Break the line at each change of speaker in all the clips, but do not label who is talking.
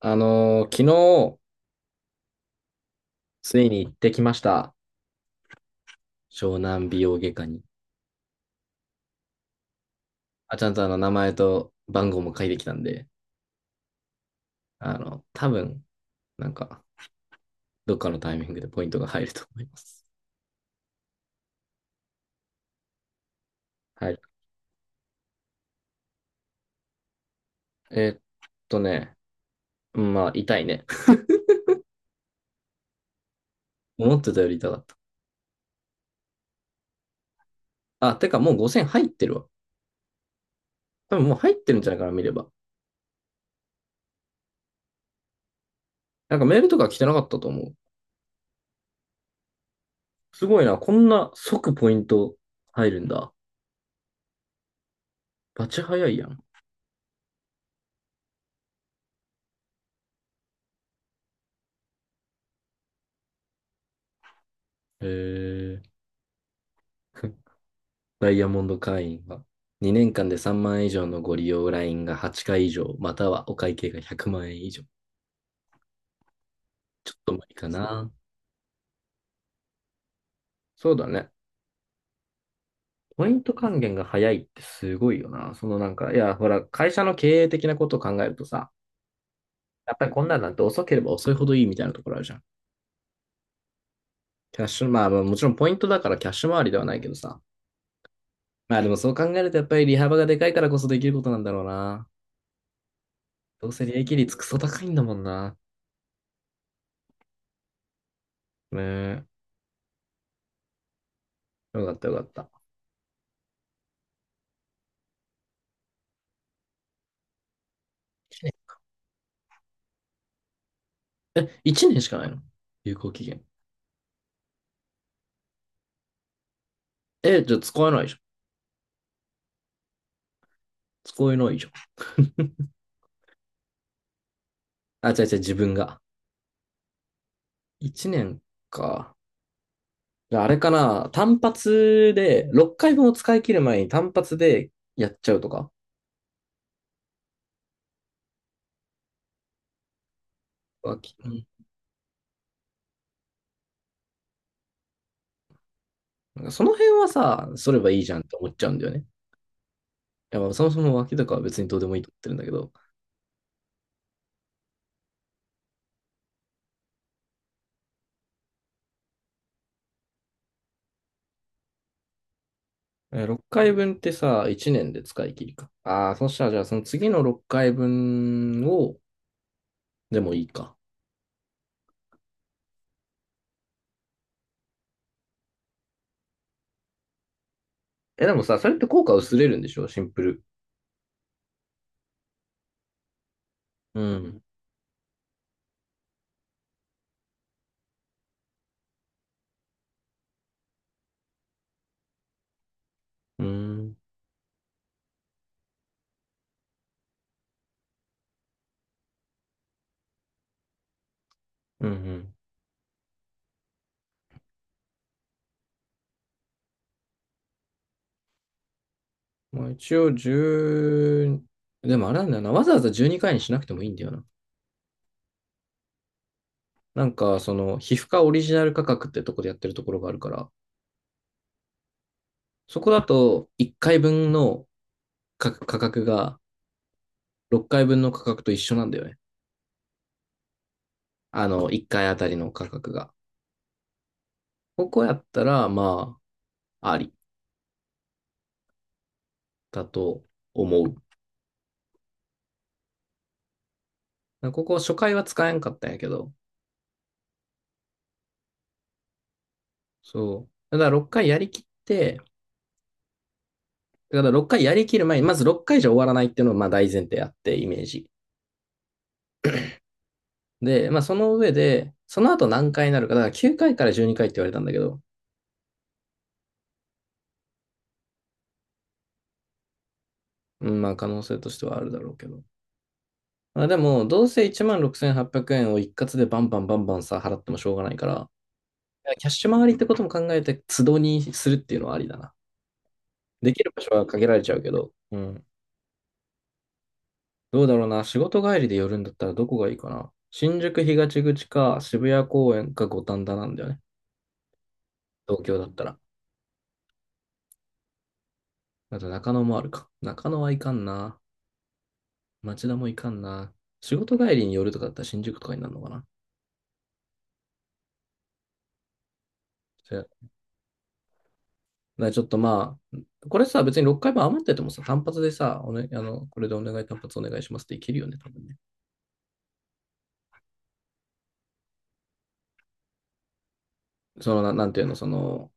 昨日、ついに行ってきました。湘南美容外科に。あ、ちゃんと名前と番号も書いてきたんで、多分、なんか、どっかのタイミングでポイントが入ると思います。はい。えーっとね、うんまあ、痛いね。思ってたより痛かった。あ、てかもう5,000入ってるわ。多分もう入ってるんじゃないかな、見れば。なんかメールとか来てなかったと思う。すごいな、こんな即ポイント入るんだ。バチ早いやん。へえ。ダイヤモンド会員は、2年間で3万円以上のご利用ラインが8回以上、またはお会計が100万円以上。ちょっと無理かな。そうだね。ポイント還元が早いってすごいよな。いや、ほら、会社の経営的なことを考えるとさ、やっぱりこんなんなんて遅ければ遅いほどいいみたいなところあるじゃん。キャッシュ、まあまあもちろんポイントだからキャッシュ回りではないけどさ。まあでもそう考えるとやっぱり利幅がでかいからこそできることなんだろうな。どうせ利益率クソ高いんだもんな。ねえ。よかったよかった。え、1年しかないの？有効期限。え、じゃあ使えないじゃん。使えないじゃん。あ、違う違う、自分が。1年か。じゃああれかな、単発で、6回分を使い切る前に単発でやっちゃうとか。脇、うん。なんかその辺はさ、そればいいじゃんって思っちゃうんだよね。いや、まあそもそも脇とかは別にどうでもいいと思ってるんだけど、えー6回分ってさ、1年で使い切りか。ああ、そしたらじゃあその次の6回分を、でもいいか。え、でもさ、それって効果薄れるんでしょシンプル。うん。うん。うん。まあ一応1。でもあれなんだよな。わざわざ12回にかいにしなくてもいいんだよな。皮膚科オリジナル価格ってとこでやってるところがあるから、そこだと1回分の価格が6回分の価格と一緒なんだよね。1回あたりの価格が。ここやったら、まあ、ありだと思う。ここ初回は使えんかったんやけど、そう。ただ6回やりきって、だから6回やりきる前に、まず6回じゃ終わらないっていうのがまあ大前提あって、イメージ。で、まあその上で、その後何回になるか、だから9回かいから12回って言われたんだけど、うん、まあ可能性としてはあるだろうけど。まあでも、どうせ16,800円を一括でバンバンバンバンさ、払ってもしょうがないから、キャッシュ回りってことも考えて、都度にするっていうのはありだな。できる場所は限られちゃうけど、うん。どうだろうな。仕事帰りで寄るんだったらどこがいいかな。新宿東口か渋谷公園か五反田なんだよね。東京だったら。あと中野もあるか。中野はいかんな。町田もいかんな。仕事帰りに寄るとかだったら新宿とかになるのかな。それだからちょっとまあ、これさ、別に6回分余っててもさ、単発でさ、おね、あの、これでお願い単発お願いしますっていけるよね、多分ね。なんていうの、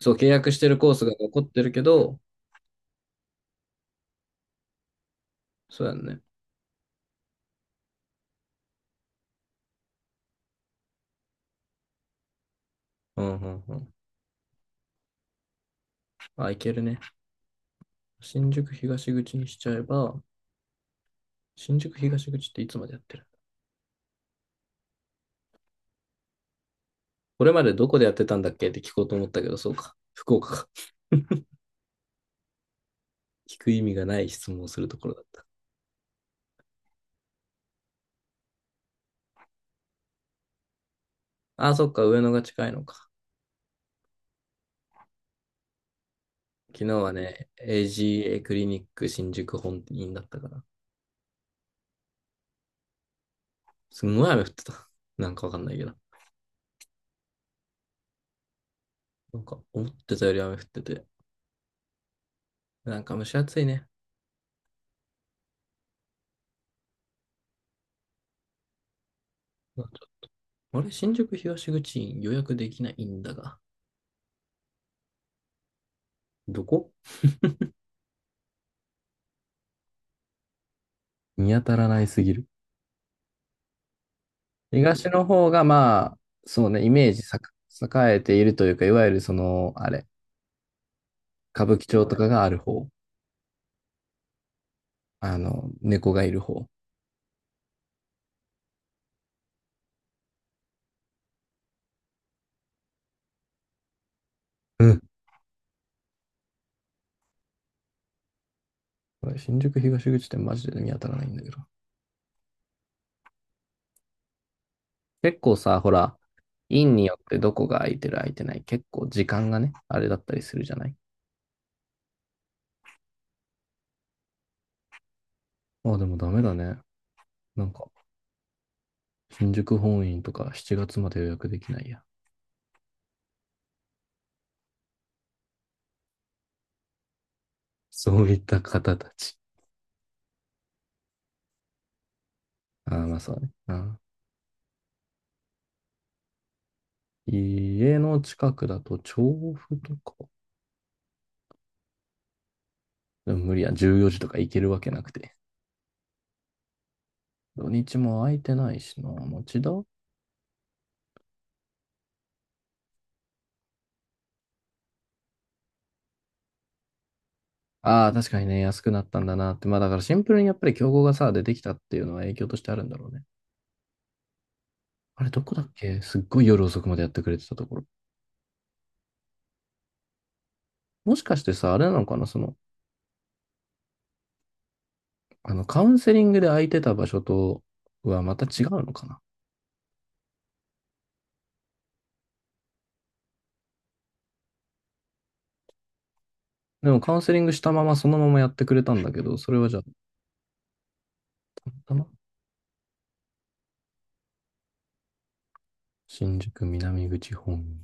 そう、契約してるコースが残ってるけど、そうやんね。うんうんうん。あ、いけるね。新宿東口にしちゃえば、新宿東口っていつまでやってる、これまでどこでやってたんだっけって聞こうと思ったけど、そうか。福岡か。聞く意味がない質問をするところだった。あ、そっか、上野が近いのか。昨日はね、AGA クリニック新宿本院だったから、すんごい雨降ってた。なんかわかんないけど。なんか思ってたより雨降ってて、なんか蒸し暑いね。あれ、新宿東口院予約できないんだが。どこ、見当たらないすぎる。東の方が、まあ、そうね、イメージさ栄えているというか、いわゆるその、あれ、歌舞伎町とかがある方、猫がいる方。うん。これ新宿東口ってマジで見当たらないんだけど。結構さ、ほら、院によってどこが空いてる空いてない、結構時間がね、あれだったりするじゃない。あ、でもダメだね。なんか、新宿本院とか7月まで予約できないや。そういった方たち。ああ、まあそうね。うん。家の近くだと調布とか。でも無理や、14時とか行けるわけなくて。土日も空いてないしな。町田。ああ、確かにね、安くなったんだなって。まあだからシンプルにやっぱり競合がさ、出てきたっていうのは影響としてあるんだろうね。あれ、どこだっけすっごい夜遅くまでやってくれてたところ。もしかしてさ、あれなのかなカウンセリングで空いてた場所とはまた違うのかな。でもカウンセリングしたままそのままやってくれたんだけど、それはじゃあ、たま新宿南口本院。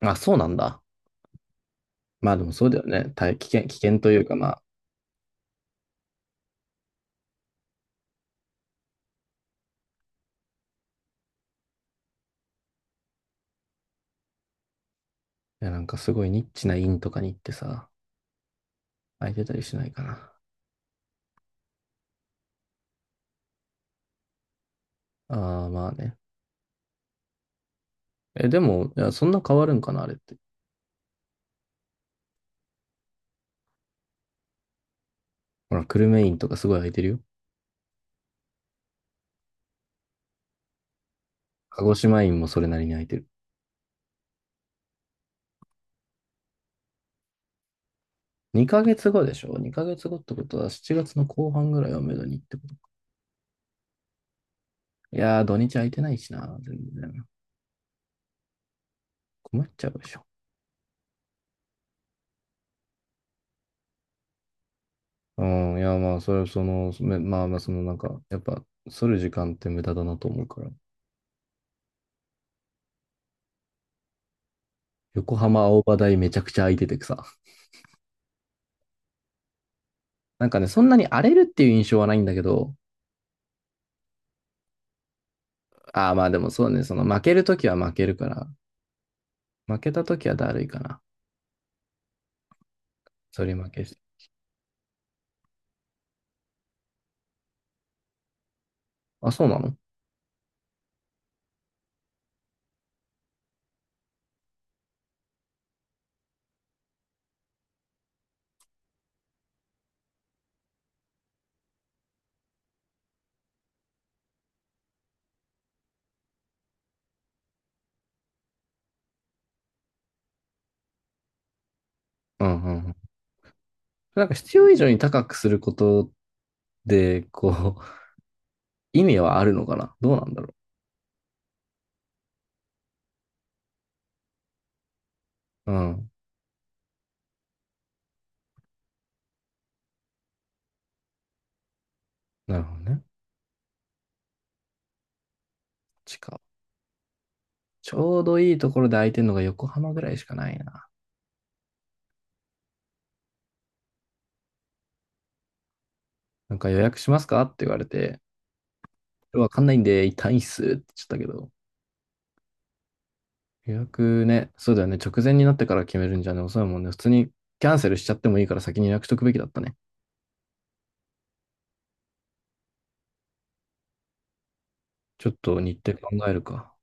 あ、そうなんだ。まあでもそうだよね。大危険、危険というかまあ、いやなんかすごいニッチな院とかに行ってさ、空いてたりしないかな。ああ、まあね。え、でも、いや、そんな変わるんかな、あれって。ほら、久留米院とかすごい空いてるよ。鹿児島院もそれなりに空いてる。2ヶ月後でしょ？ 2 ヶ月後ってことは7月の後半ぐらいをめどにってことか。いやー、土日空いてないしな、全然。困っちゃうでしょ。うん、いや、まあ、それはまあまあ、やっぱ、剃る時間って無駄だなと思うから。横浜青葉台めちゃくちゃ空いててさ。なんかね、そんなに荒れるっていう印象はないんだけど、ああ、まあでもそうね、その負けるときは負けるから、負けたときはだるいかな。反り負け。あ、そうなの？うんうんうん。なんか必要以上に高くすることで、こう、意味はあるのかなどうなんだろう。うん。なるほどね。地下。ちょうどいいところで空いてるのが横浜ぐらいしかないな。なんか予約しますかって言われて、わかんないんで、痛いっすって言っちゃったけど。予約ね、そうだよね。直前になってから決めるんじゃね、遅いもんね。普通にキャンセルしちゃってもいいから先に予約しとくべきだったね。ちょっと日程考えるか。